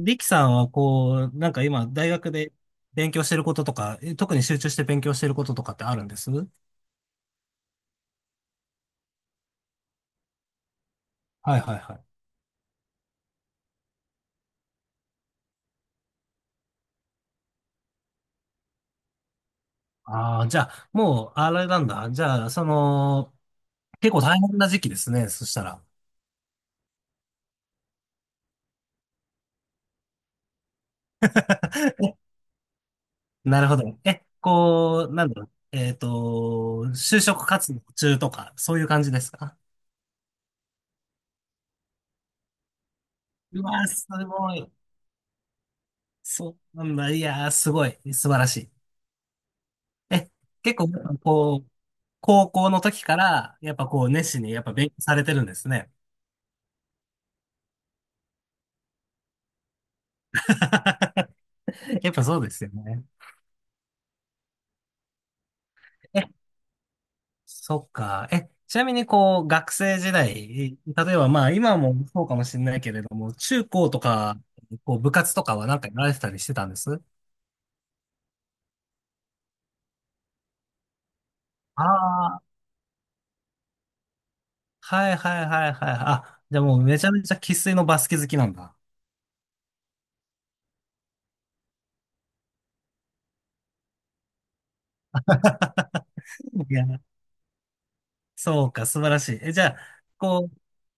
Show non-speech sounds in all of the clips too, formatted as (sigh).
リキさんはこう、なんか今、大学で勉強してることとか、特に集中して勉強してることとかってあるんです？はい。はいはい。ああ、じゃあ、もう、あれなんだ。じゃあ、その、結構大変な時期ですね。そしたら。なるほど。こう、なんだろう。就職活動中とか、そういう感じですか？うわー、すごい。そうなんだ。いやー、すごい。素晴らしい。え、結構、こう、高校の時から、やっぱこう、熱心にやっぱ勉強されてるんですね。(laughs) やっぱそうですよね。え、そっか。ちなみにこう、学生時代、例えばまあ今もそうかもしれないけれども、中高とか、こう部活とかはなんかやられてたりしてたんです？ああー、はいはいはいはい。あ、じゃあもうめちゃめちゃ生粋のバスケ好きなんだ。(laughs) いや、そうか、素晴らしい。じゃあ、こ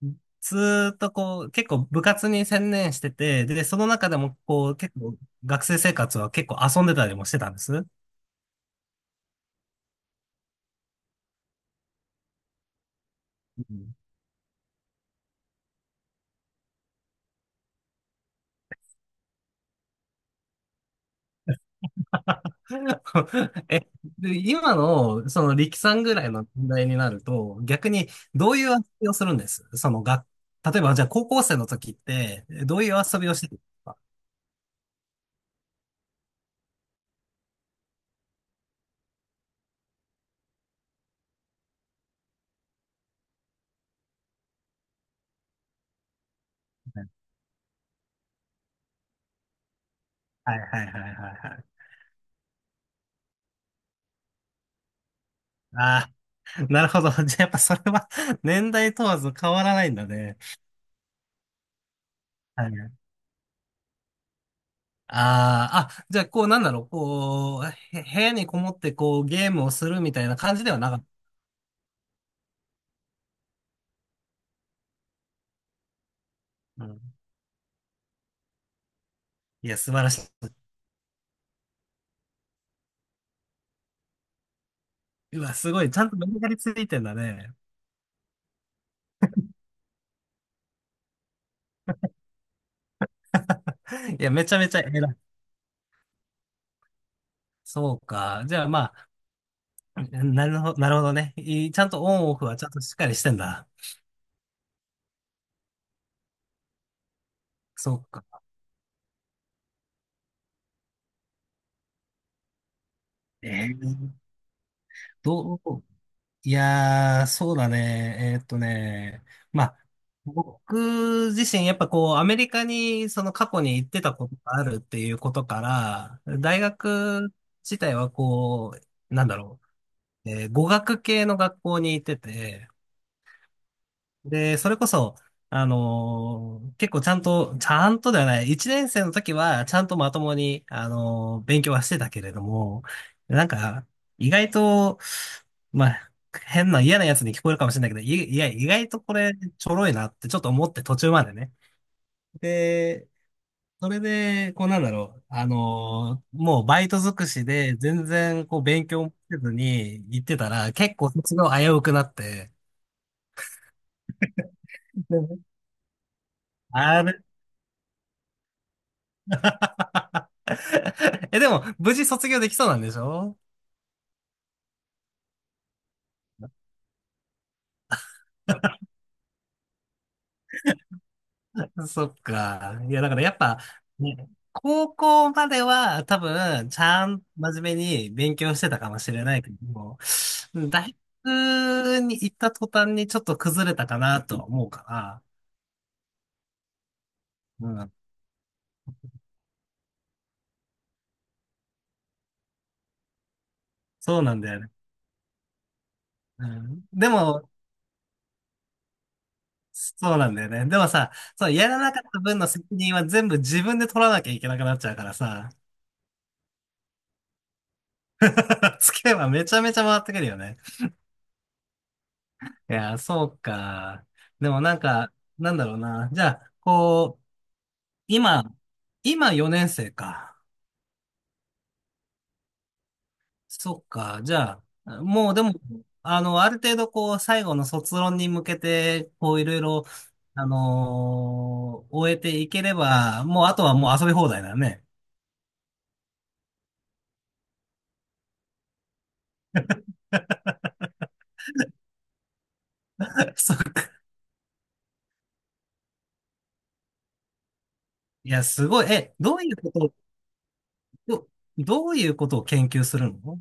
う、ずーっとこう、結構部活に専念してて、で、その中でもこう、結構学生生活は結構遊んでたりもしてたんです。うん。 (laughs) え、で、今の、その、力さんぐらいの年代になると、逆に、どういう遊びをするんです例えば、じゃあ、高校生の時って、どういう遊びをしてたんですか？はいはいはいはいはい。ああ、なるほど。(laughs) じゃあ、やっぱそれは (laughs) 年代問わず変わらないんだね。はい。あーあ、じゃあ、こう、なんだろう、こう、部屋にこもって、こう、ゲームをするみたいな感じではなかった。うん。いや、素晴らしい。うわ、すごい。ちゃんとメリハリついてんだね。いや、めちゃめちゃ偉い。そうか。じゃあまあ、(laughs) なるほど、なるほどね。ちゃんとオンオフはちゃんとしっかりしてんだ。そうか。えーどう、いやー、そうだね。まあ、僕自身、やっぱこう、アメリカにその過去に行ってたことがあるっていうことから、大学自体はこう、なんだろう、語学系の学校に行ってて、で、それこそ、結構ちゃんと、ちゃんとではない、一年生の時はちゃんとまともに、勉強はしてたけれども、なんか、意外と、まあ、変な嫌なやつに聞こえるかもしれないけど、いや、意外とこれちょろいなってちょっと思って途中までね。で、それで、こうなんだろう、もうバイト尽くしで全然こう勉強もせずに行ってたら、結構卒業危うくなって、(laughs) あれ (laughs) でも、無事卒業できそうなんでしょ？そっか。いや、だからやっぱ、ね、高校までは多分、ちゃん、真面目に勉強してたかもしれないけども、大学に行った途端にちょっと崩れたかなとは思うから、うん、そうなんだよね。うん、でも、そうなんだよね。でもさ、そう、やらなかった分の責任は全部自分で取らなきゃいけなくなっちゃうからさ、(laughs) つけばめちゃめちゃ回ってくるよね。いやー、そうか。でもなんか、なんだろうな。じゃあ、こう、今、今、4年生か。そっか。じゃあ、もうでも、ある程度こう、最後の卒論に向けて、こう、いろいろ、終えていければ、もうあとはもう遊び放題だね。(laughs) そっか。いや、すごい。え、どういうことを、ど、どういうことを研究するの？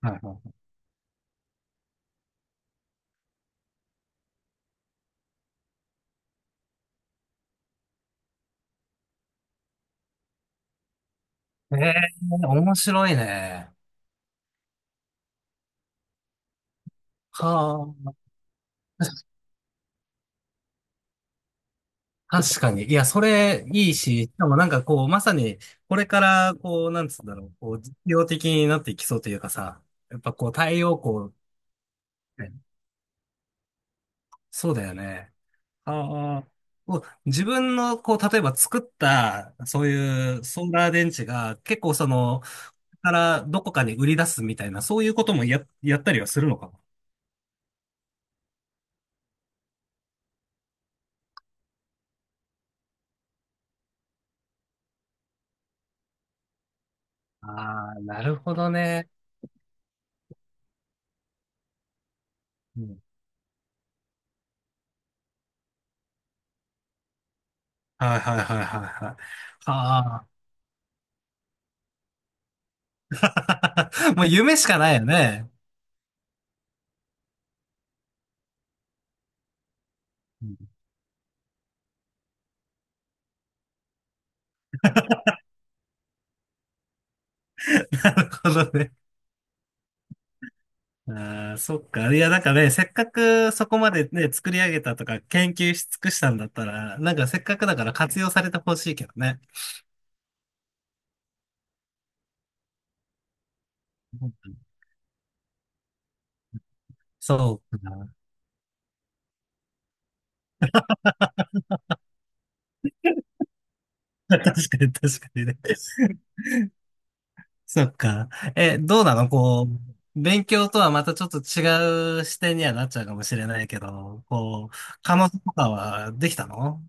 はいはい。ええー面白いね。はあ。確かに。いや、それいいし、しかもなんかこう、まさに、これから、こう、なんつうんだろう、こう、実用的になっていきそうというかさ、やっぱこう、太陽光、ね、そうだよね。ああ、こう自分の、こう、例えば作った、そういうソーラー電池が、結構その、からどこかに売り出すみたいな、そういうこともやったりはするのかな。ああ、なるほどね。うん。はいはいはいはいはい。はあ。(laughs) もう夢しかないよね。なるほどね。ああ、そっか。いや、なんかね、せっかくそこまでね、作り上げたとか、研究し尽くしたんだったら、なんかせっかくだから活用されてほしいけどね。うん。そうかな。(laughs) 確かに、確かにね。そっか。どうなの、こう、勉強とはまたちょっと違う視点にはなっちゃうかもしれないけど、こう、彼女とかはできたの？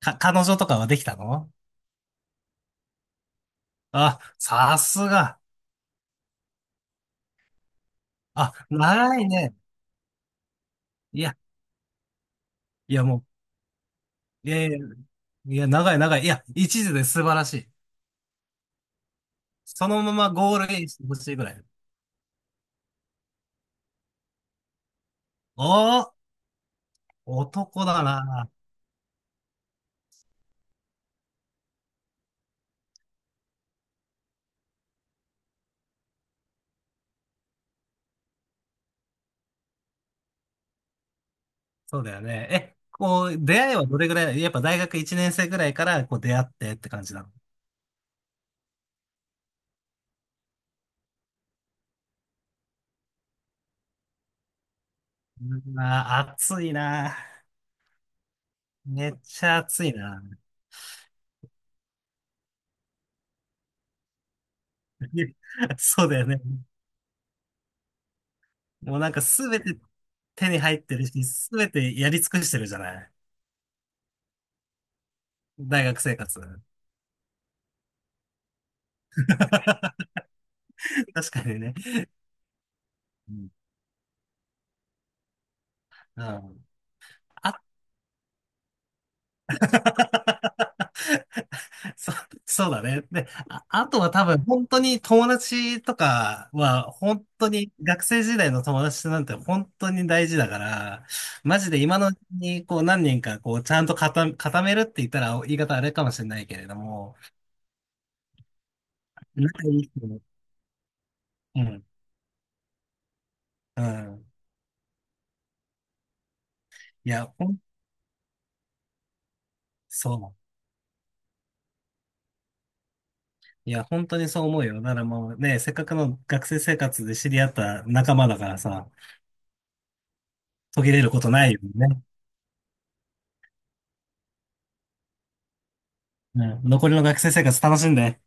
彼女とかはできたの？あ、さすが。あ、ないね。いや、いやもう、いやいや、いや、長い長い。いや、一時で素晴らしい。そのままゴールインしてほしいぐらい。おー、男だな。そうだよね。こう、出会いはどれぐらいやっぱ大学1年生ぐらいから、こう、出会ってって感じなの？うん。あー、暑いな。めっちゃ暑いな。(laughs) そうだよね。もうなんかすべて手に入ってるし、すべてやり尽くしてるじゃない。大学生活。(laughs) 確かにね。うん。うん (laughs) そ、そうだね。で、あとは多分本当に友達とかは本当に学生時代の友達なんて本当に大事だから、マジで今のうちにこう何人かこうちゃんと固めるって言ったら言い方あれかもしれないけれども、仲いい人も。うん、うん。いや、そう。いや、本当にそう思うよ。ならもうね、せっかくの学生生活で知り合った仲間だからさ、途切れることないよね。うん、残りの学生生活楽しんで。